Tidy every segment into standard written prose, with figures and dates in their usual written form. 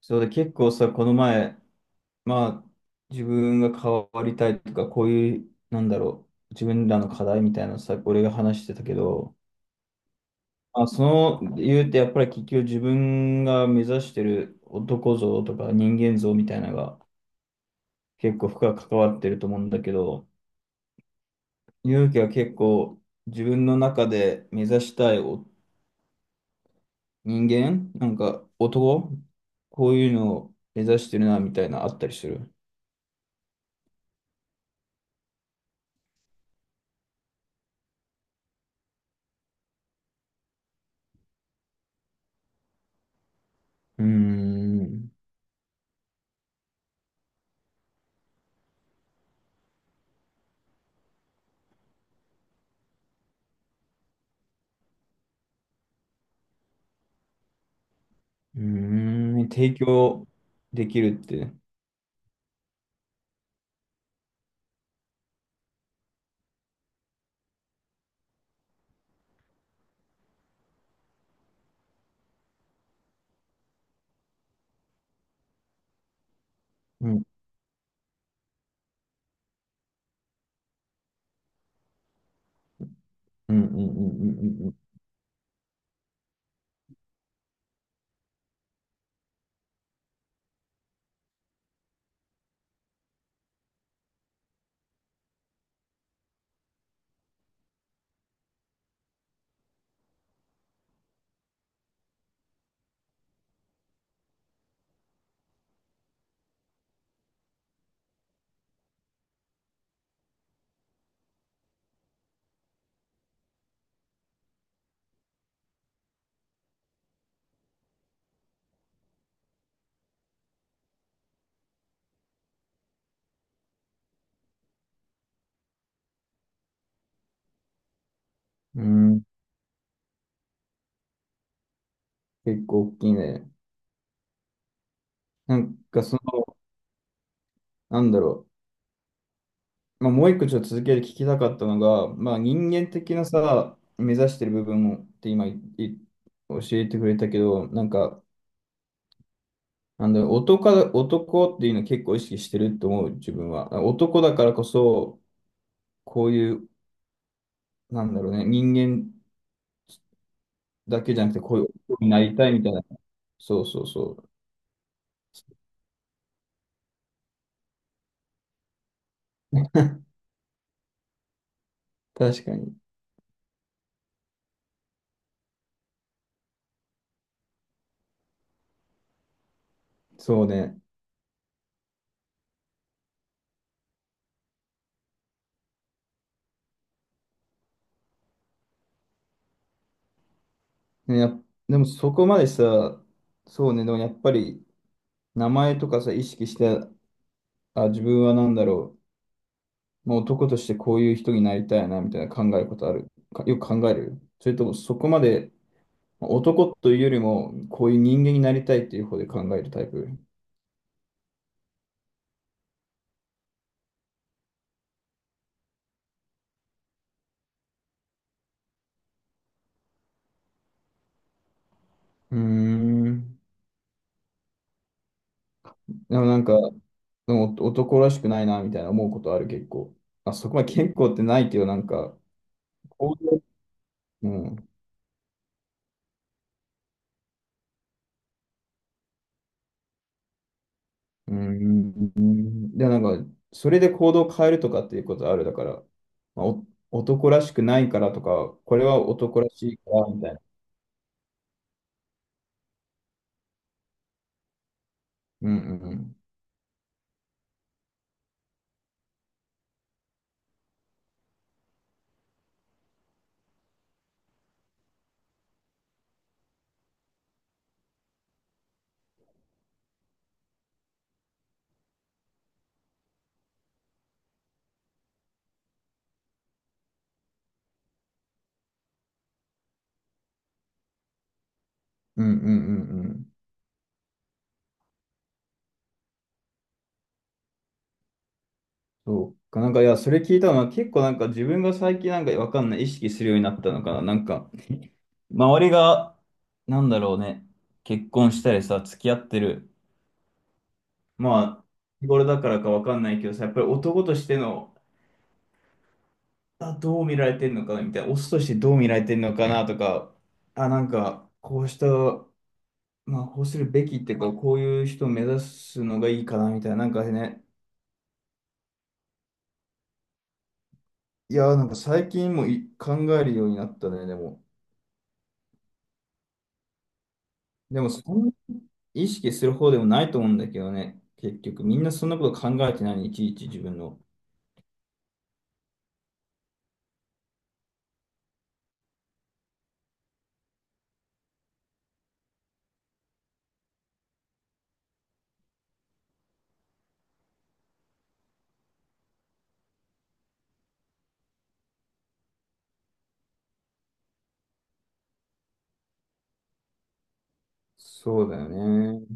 そうで、結構さ、この前、まあ、自分が変わりたいとか、こういう、なんだろう、自分らの課題みたいなのさ、俺が話してたけど、その理由ってやっぱり結局自分が目指してる男像とか人間像みたいなのが結構深く関わってると思うんだけど、勇気は結構自分の中で目指したいお人間、なんか男、こういうのを目指してるなみたいなあったりする。うーん。うーん、提供できるって。うん、うん、うん、うん、うん、うん。うん、結構大きいね。なんかその、なんだろまあ、もう一個ちょっと続けて聞きたかったのが、まあ、人間的なさ、目指してる部分をって今いい教えてくれたけど、男っていうの結構意識してると思う、自分は。男だからこそ、こういう、なんだろうね、人間だけじゃなくて、こういう男になりたいみたいな。そうそうそう。確かに。そうね。ね、やっでもそこまでさ、そうね、でもやっぱり名前とかさ、意識して、自分は何だろう、もう男としてこういう人になりたいな、みたいな考えることある。か、よく考える。それともそこまでまあ男というよりも、こういう人間になりたいっていう方で考えるタイプ。うーん。でもなんか、でもお男らしくないな、みたいな思うことある、結構。あ、そこまで結構ってないけど、なんか、こういう、うん。うーん。で、なんか、それで行動を変えるとかっていうことある。だから、まあ、お男らしくないからとか、これは男らしいから、みたいな。うんうんうん。うんうんうんうん。そうか。いや、それ聞いたのは結構なんか自分が最近なんかわかんない意識するようになったのかな。周りが、なんだろうね、結婚したりさ、付き合ってる。まあ、日頃だからかわかんないけどさ、やっぱり男としての、あ、どう見られてんのかなみたいな、オスとしてどう見られてんのかなとか、あ、なんか、こうした、まあ、こうするべきっていうか、こういう人を目指すのがいいかなみたいな、なんかね、いや、なんか最近もい考えるようになったね、でも。でも、そんな意識する方でもないと思うんだけどね、結局、みんなそんなこと考えてない、いちいち自分の。そうだよね。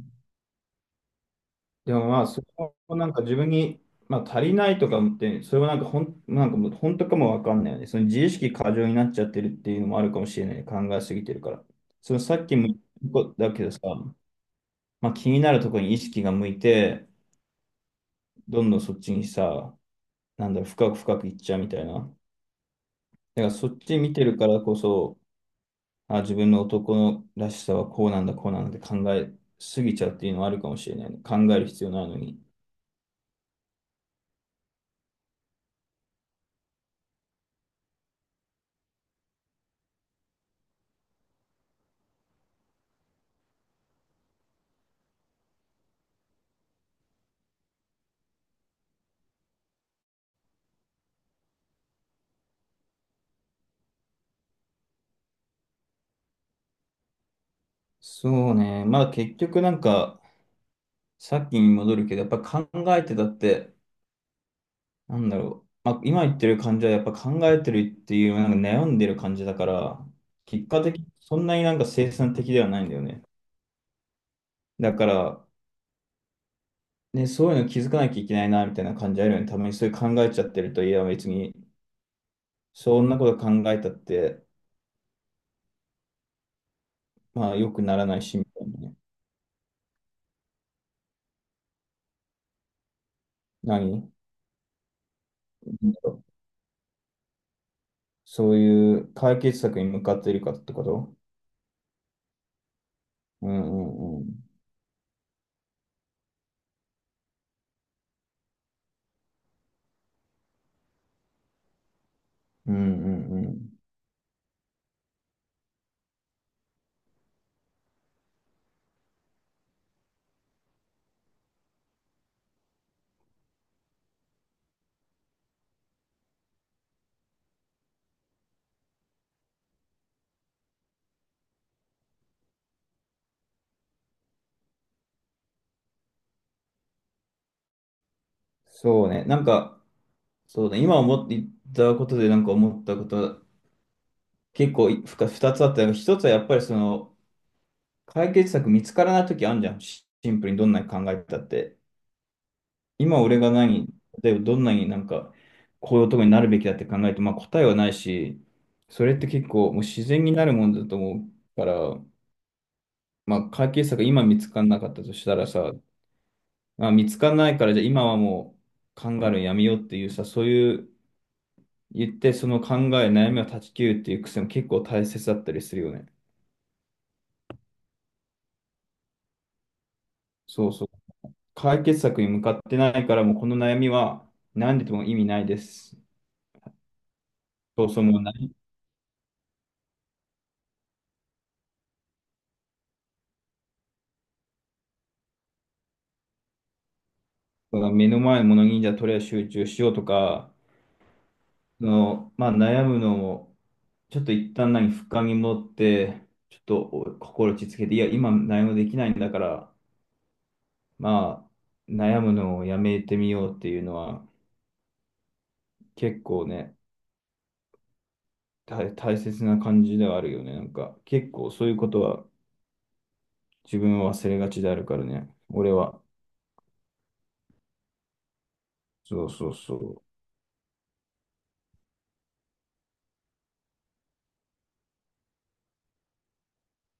でもまあ、そこもなんか自分に、まあ、足りないとか思って、それはなんかほん、なんかもう本当かもわかんないよね。その自意識過剰になっちゃってるっていうのもあるかもしれないね。考えすぎてるから。そのさっきも言っただけどさ、まあ、気になるところに意識が向いて、どんどんそっちにさ、なんだろう、深く深くいっちゃうみたいな。だからそっち見てるからこそ、あ、自分の男のらしさはこうなんだ、こうなんだって考えすぎちゃうっていうのはあるかもしれないね。考える必要ないのに。そうね。まあ結局なんか、さっきに戻るけど、やっぱ考えてたって、なんだろう。まあ、今言ってる感じはやっぱ考えてるっていう、なんか悩んでる感じだから、結果的にそんなになんか生産的ではないんだよね。だから、ね、そういうの気づかなきゃいけないな、みたいな感じあるよね。たまにそういう考えちゃってると、いや、別に、そんなこと考えたって、まあ、良くならないし、みたいなね。何？そういう解決策に向かっているかってこと？うんうんうん。うんうんうん。そうね。そうだね、今思って言ったことでなんか思ったことは結構ふか2つあったのが、なんかひとつはやっぱりその解決策見つからない時あるじゃん。シシンプルにどんなに考えてたって。今俺が何、例えばどんなになんかこういうとこになるべきだって考えて、まあ答えはないし、それって結構もう自然になるもんだと思うから、まあ解決策今見つからなかったとしたらさ、まあ、見つからないからじゃあ今はもう考えるのやめようっていうさ、そういう言って、その考え、悩みを断ち切るっていう癖も結構大切だったりするよね。そうそう。解決策に向かってないから、もうこの悩みは何でも意味ないです。そうそう、もう何か、目の前のものにじゃあとりあえず集中しようとか、その、まあ悩むのも、ちょっと一旦、深み持って、ちょっとお心落ち着けて、いや、今何もできないんだから、まあ、悩むのをやめてみようっていうのは、結構ね、大切な感じではあるよね。なんか、結構そういうことは自分は忘れがちであるからね。俺は。そうそうそう。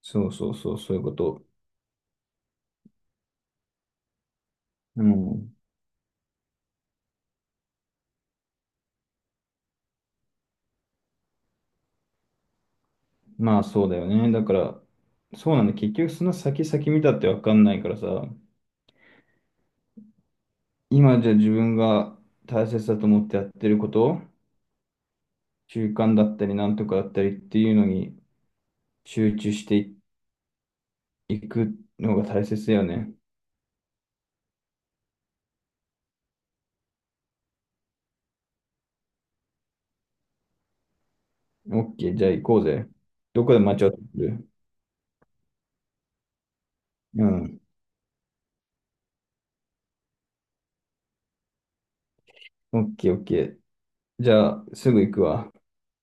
そうそうそう、そういうこと。うん。まあそうだよね。だから、そうなんだ。結局その先々見たってわかんないからさ、今じゃ自分が大切だと思ってやってること、習慣だったりなんとかだったりっていうのに集中していくのが大切だよね。オッケー、じゃあ行こうぜ。どこで待ち合わせする？うん。オッケー、オッケー。じゃあ、すぐ行くわ。